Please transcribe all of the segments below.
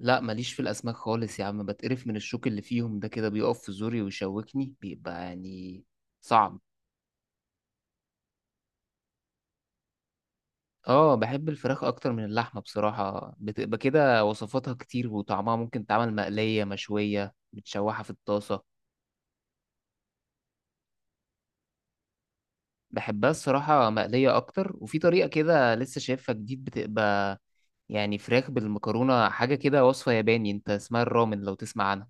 لا، ماليش في الاسماك خالص يا عم، بتقرف من الشوك اللي فيهم، ده كده بيقف في زوري ويشوكني، بيبقى يعني صعب. اه، بحب الفراخ اكتر من اللحمه بصراحه، بتبقى كده وصفاتها كتير وطعمها، ممكن تعمل مقليه مشويه متشوحه في الطاسه. بحبها الصراحه مقليه اكتر، وفي طريقه كده لسه شايفها جديد، بتبقى يعني فراخ بالمكرونه، حاجه كده وصفه ياباني، انت اسمها الرامن لو تسمع عنها.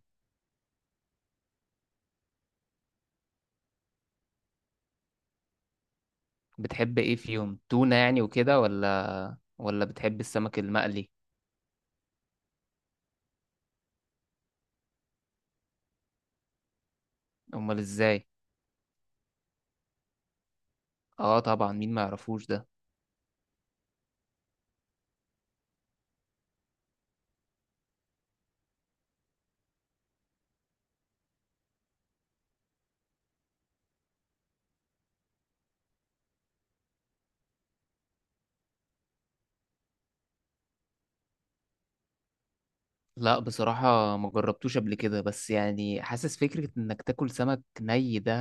بتحب ايه فيهم؟ تونه يعني وكده، ولا بتحب السمك المقلي؟ امال ازاي؟ اه طبعا، مين ما يعرفوش ده؟ لا بصراحة ما جربتوش قبل كده، بس يعني حاسس فكرة انك تاكل سمك ني ده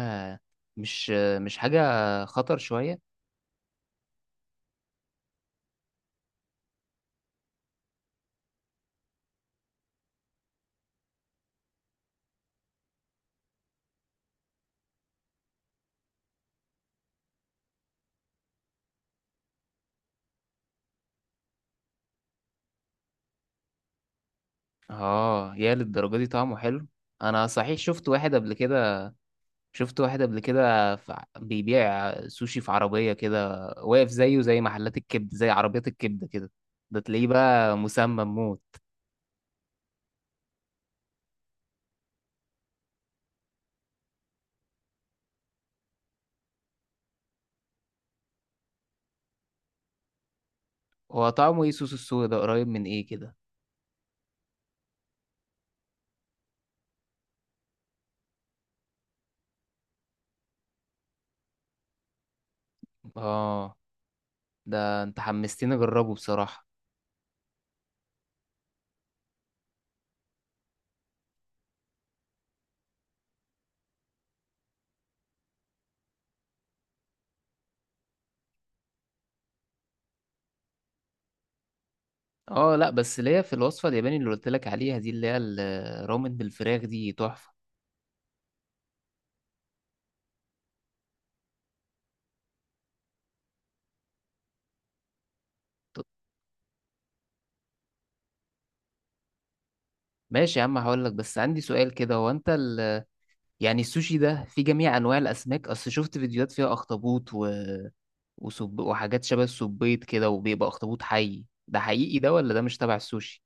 مش مش حاجة، خطر شوية. اه، يا للدرجة دي طعمه حلو؟ انا صحيح شفت واحد قبل كده شفت واحد قبل كده في بيبيع سوشي في عربية كده واقف، زيه زي محلات الكبد، زي عربيات الكبد كده، ده تلاقيه بقى مسمم موت. هو طعمه ايه صوص السوي ده؟ قريب من ايه كده؟ اه، ده انت حمستني اجربه بصراحة. اه لا، بس اللي هي في الوصفة الياباني اللي قلت لك عليها دي، اللي هي الرامن بالفراخ، دي تحفة. طب ماشي يا عم، هقول لك، بس عندي سؤال كده. هو انت يعني السوشي ده في جميع انواع الاسماك؟ اصل شفت فيديوهات فيها اخطبوط و وحاجات شبه السبيط كده، وبيبقى اخطبوط حي. ده حقيقي ده ولا ده مش تبع السوشي؟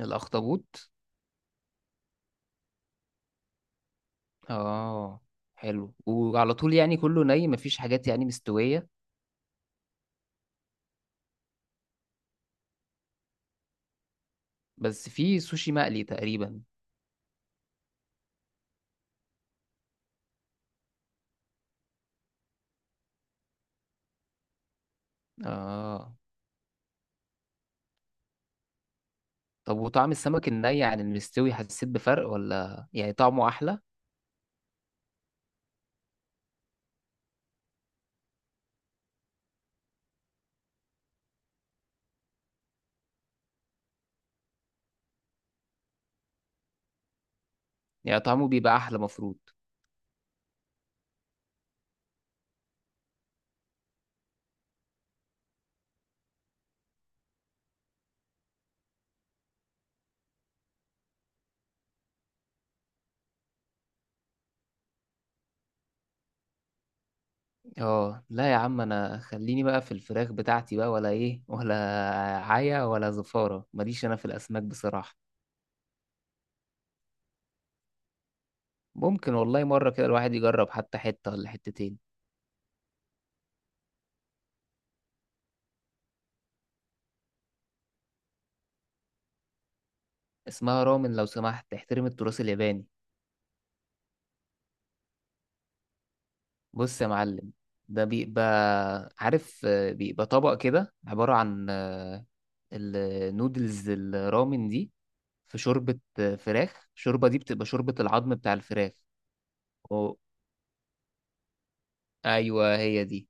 الاخطبوط؟ اه حلو. وعلى طول يعني كله ني؟ مفيش حاجات يعني مستوية؟ بس في سوشي مقلي تقريبا. اه، طب وطعم السمك الني عن المستوي حسيت بفرق، ولا يعني طعمه احلى؟ يعني طعمه بيبقى احلى مفروض. اه لا يا عم، انا خليني بقى في الفراخ بتاعتي بقى، ولا ايه؟ ولا عيا ولا زفارة، ماليش انا في الاسماك بصراحة. ممكن والله، مرة كده الواحد يجرب حتى حتة ولا حتتين. اسمها رامن لو سمحت، احترم التراث الياباني. بص يا معلم، ده بيبقى عارف، بيبقى طبق كده عبارة عن النودلز الرامن دي، في شوربة فراخ. الشوربة دي بتبقى شوربة العظم بتاع الفراخ. أو أيوة هي دي.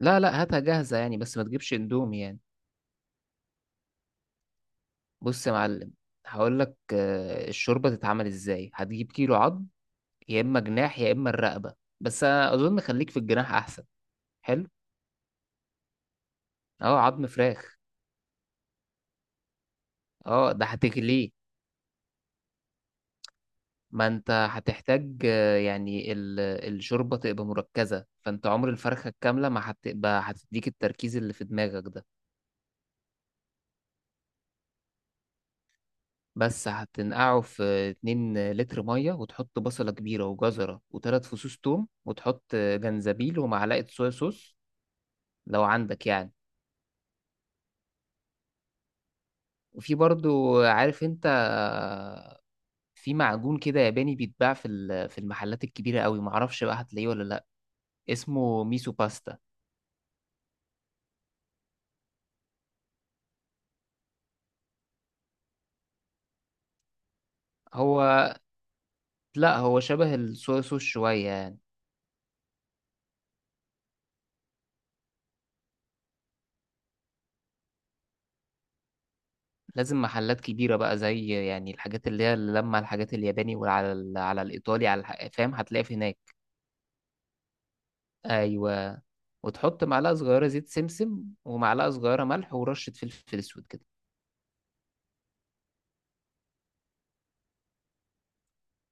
لا، لا، هاتها جاهزة يعني، بس ما تجيبش اندومي يعني. بص يا معلم، هقول لك الشوربة تتعمل ازاي. هتجيب كيلو عظم، يا إما جناح يا إما الرقبة، بس أنا أظن خليك في الجناح أحسن. حلو. أه، عظم فراخ. أه، ده هتغليه، ما أنت هتحتاج يعني الشوربة تبقى مركزة، فأنت عمر الفرخة الكاملة ما هتبقى هتديك التركيز اللي في دماغك ده. بس هتنقعه في 2 لتر مية، وتحط بصلة كبيرة وجزرة وثلاث فصوص توم، وتحط جنزبيل ومعلقة صويا صوص، لو عندك يعني. وفي برضو عارف انت، في معجون كده ياباني بيتباع في المحلات الكبيرة قوي، معرفش بقى هتلاقيه ولا لا. اسمه ميسو باستا. هو لا، هو شبه الصويا صوص شوية يعني. لازم محلات كبيرة بقى، زي يعني الحاجات اللي هي اللي لما الحاجات الياباني، على الإيطالي فاهم، هتلاقي في هناك. ايوه. وتحط معلقة صغيرة زيت سمسم ومعلقة صغيرة ملح ورشة فلفل اسود كده.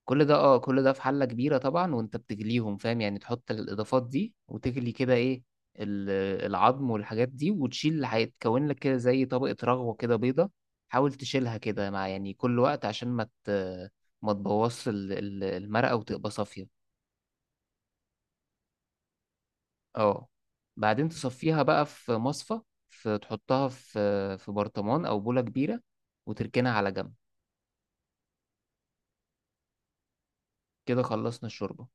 كل ده في حلة كبيرة طبعا، وانت بتغليهم فاهم، يعني تحط الإضافات دي وتغلي كده، ايه ال- العظم والحاجات دي، وتشيل اللي هيتكون لك كده زي طبقة رغوة كده بيضة. حاول تشيلها كده مع يعني كل وقت، عشان ما تبوظش المرقة، وتبقى صافية. اه، بعدين تصفيها بقى في مصفى. تحطها في برطمان او بولة كبيرة، وتركنها على جنب. كده خلصنا الشوربة.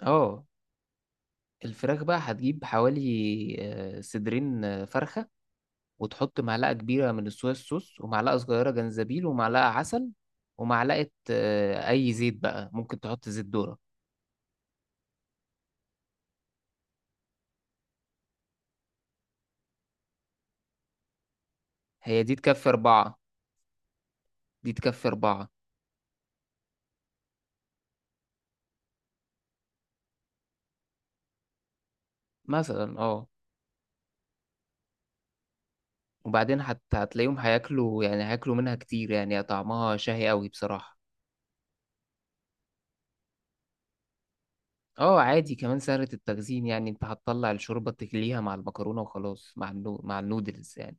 اه، الفراخ بقى هتجيب حوالي صدرين فرخة، وتحط معلقة كبيرة من الصويا صوص ومعلقة صغيرة جنزبيل ومعلقة عسل، ومعلقة أي زيت بقى، ممكن تحط زيت ذرة. هي دي تكفي 4، دي تكفي أربعة. مثلا اه. وبعدين هتلاقيهم هياكلوا، يعني هياكلوا منها كتير، يعني طعمها شهي قوي بصراحة. اه عادي، كمان سهلة التخزين يعني، انت هتطلع الشوربة تغليها مع المكرونة وخلاص مع النودلز يعني.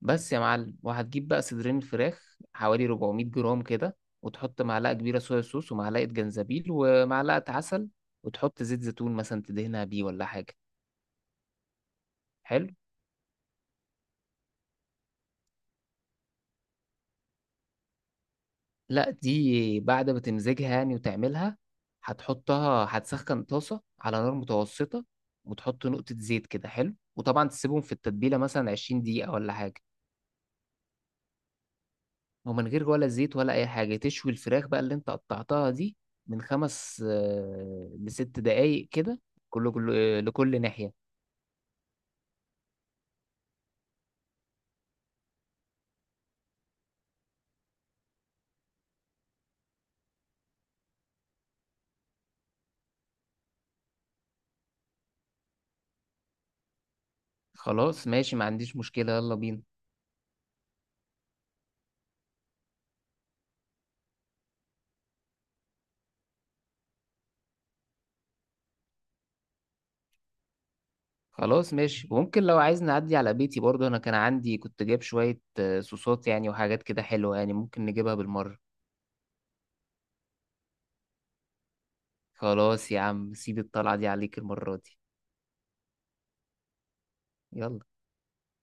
بس يا معلم، وهتجيب بقى صدرين الفراخ حوالي 400 جرام كده، وتحط معلقة كبيرة صويا صوص ومعلقة جنزبيل ومعلقة عسل، وتحط زيت زيتون مثلا تدهنها بيه ولا حاجة. حلو. لا، دي بعد ما تمزجها يعني وتعملها، هتحطها، هتسخن طاسة على نار متوسطة، وتحط نقطة زيت كده، حلو، وطبعا تسيبهم في التتبيلة مثلا 20 دقيقة ولا حاجة. ومن غير ولا زيت ولا اي حاجه، تشوي الفراخ بقى اللي انت قطعتها دي، من 5 لست دقايق كده، كل كل آه، لكل ناحيه. خلاص ماشي، ما عنديش مشكله، يلا بينا. خلاص ماشي، وممكن لو عايز نعدي على بيتي برضو، انا كان عندي كنت جايب شويه صوصات يعني وحاجات كده حلوه، يعني ممكن نجيبها بالمره. خلاص يا عم، سيب الطلعه دي عليك المره دي. يلا.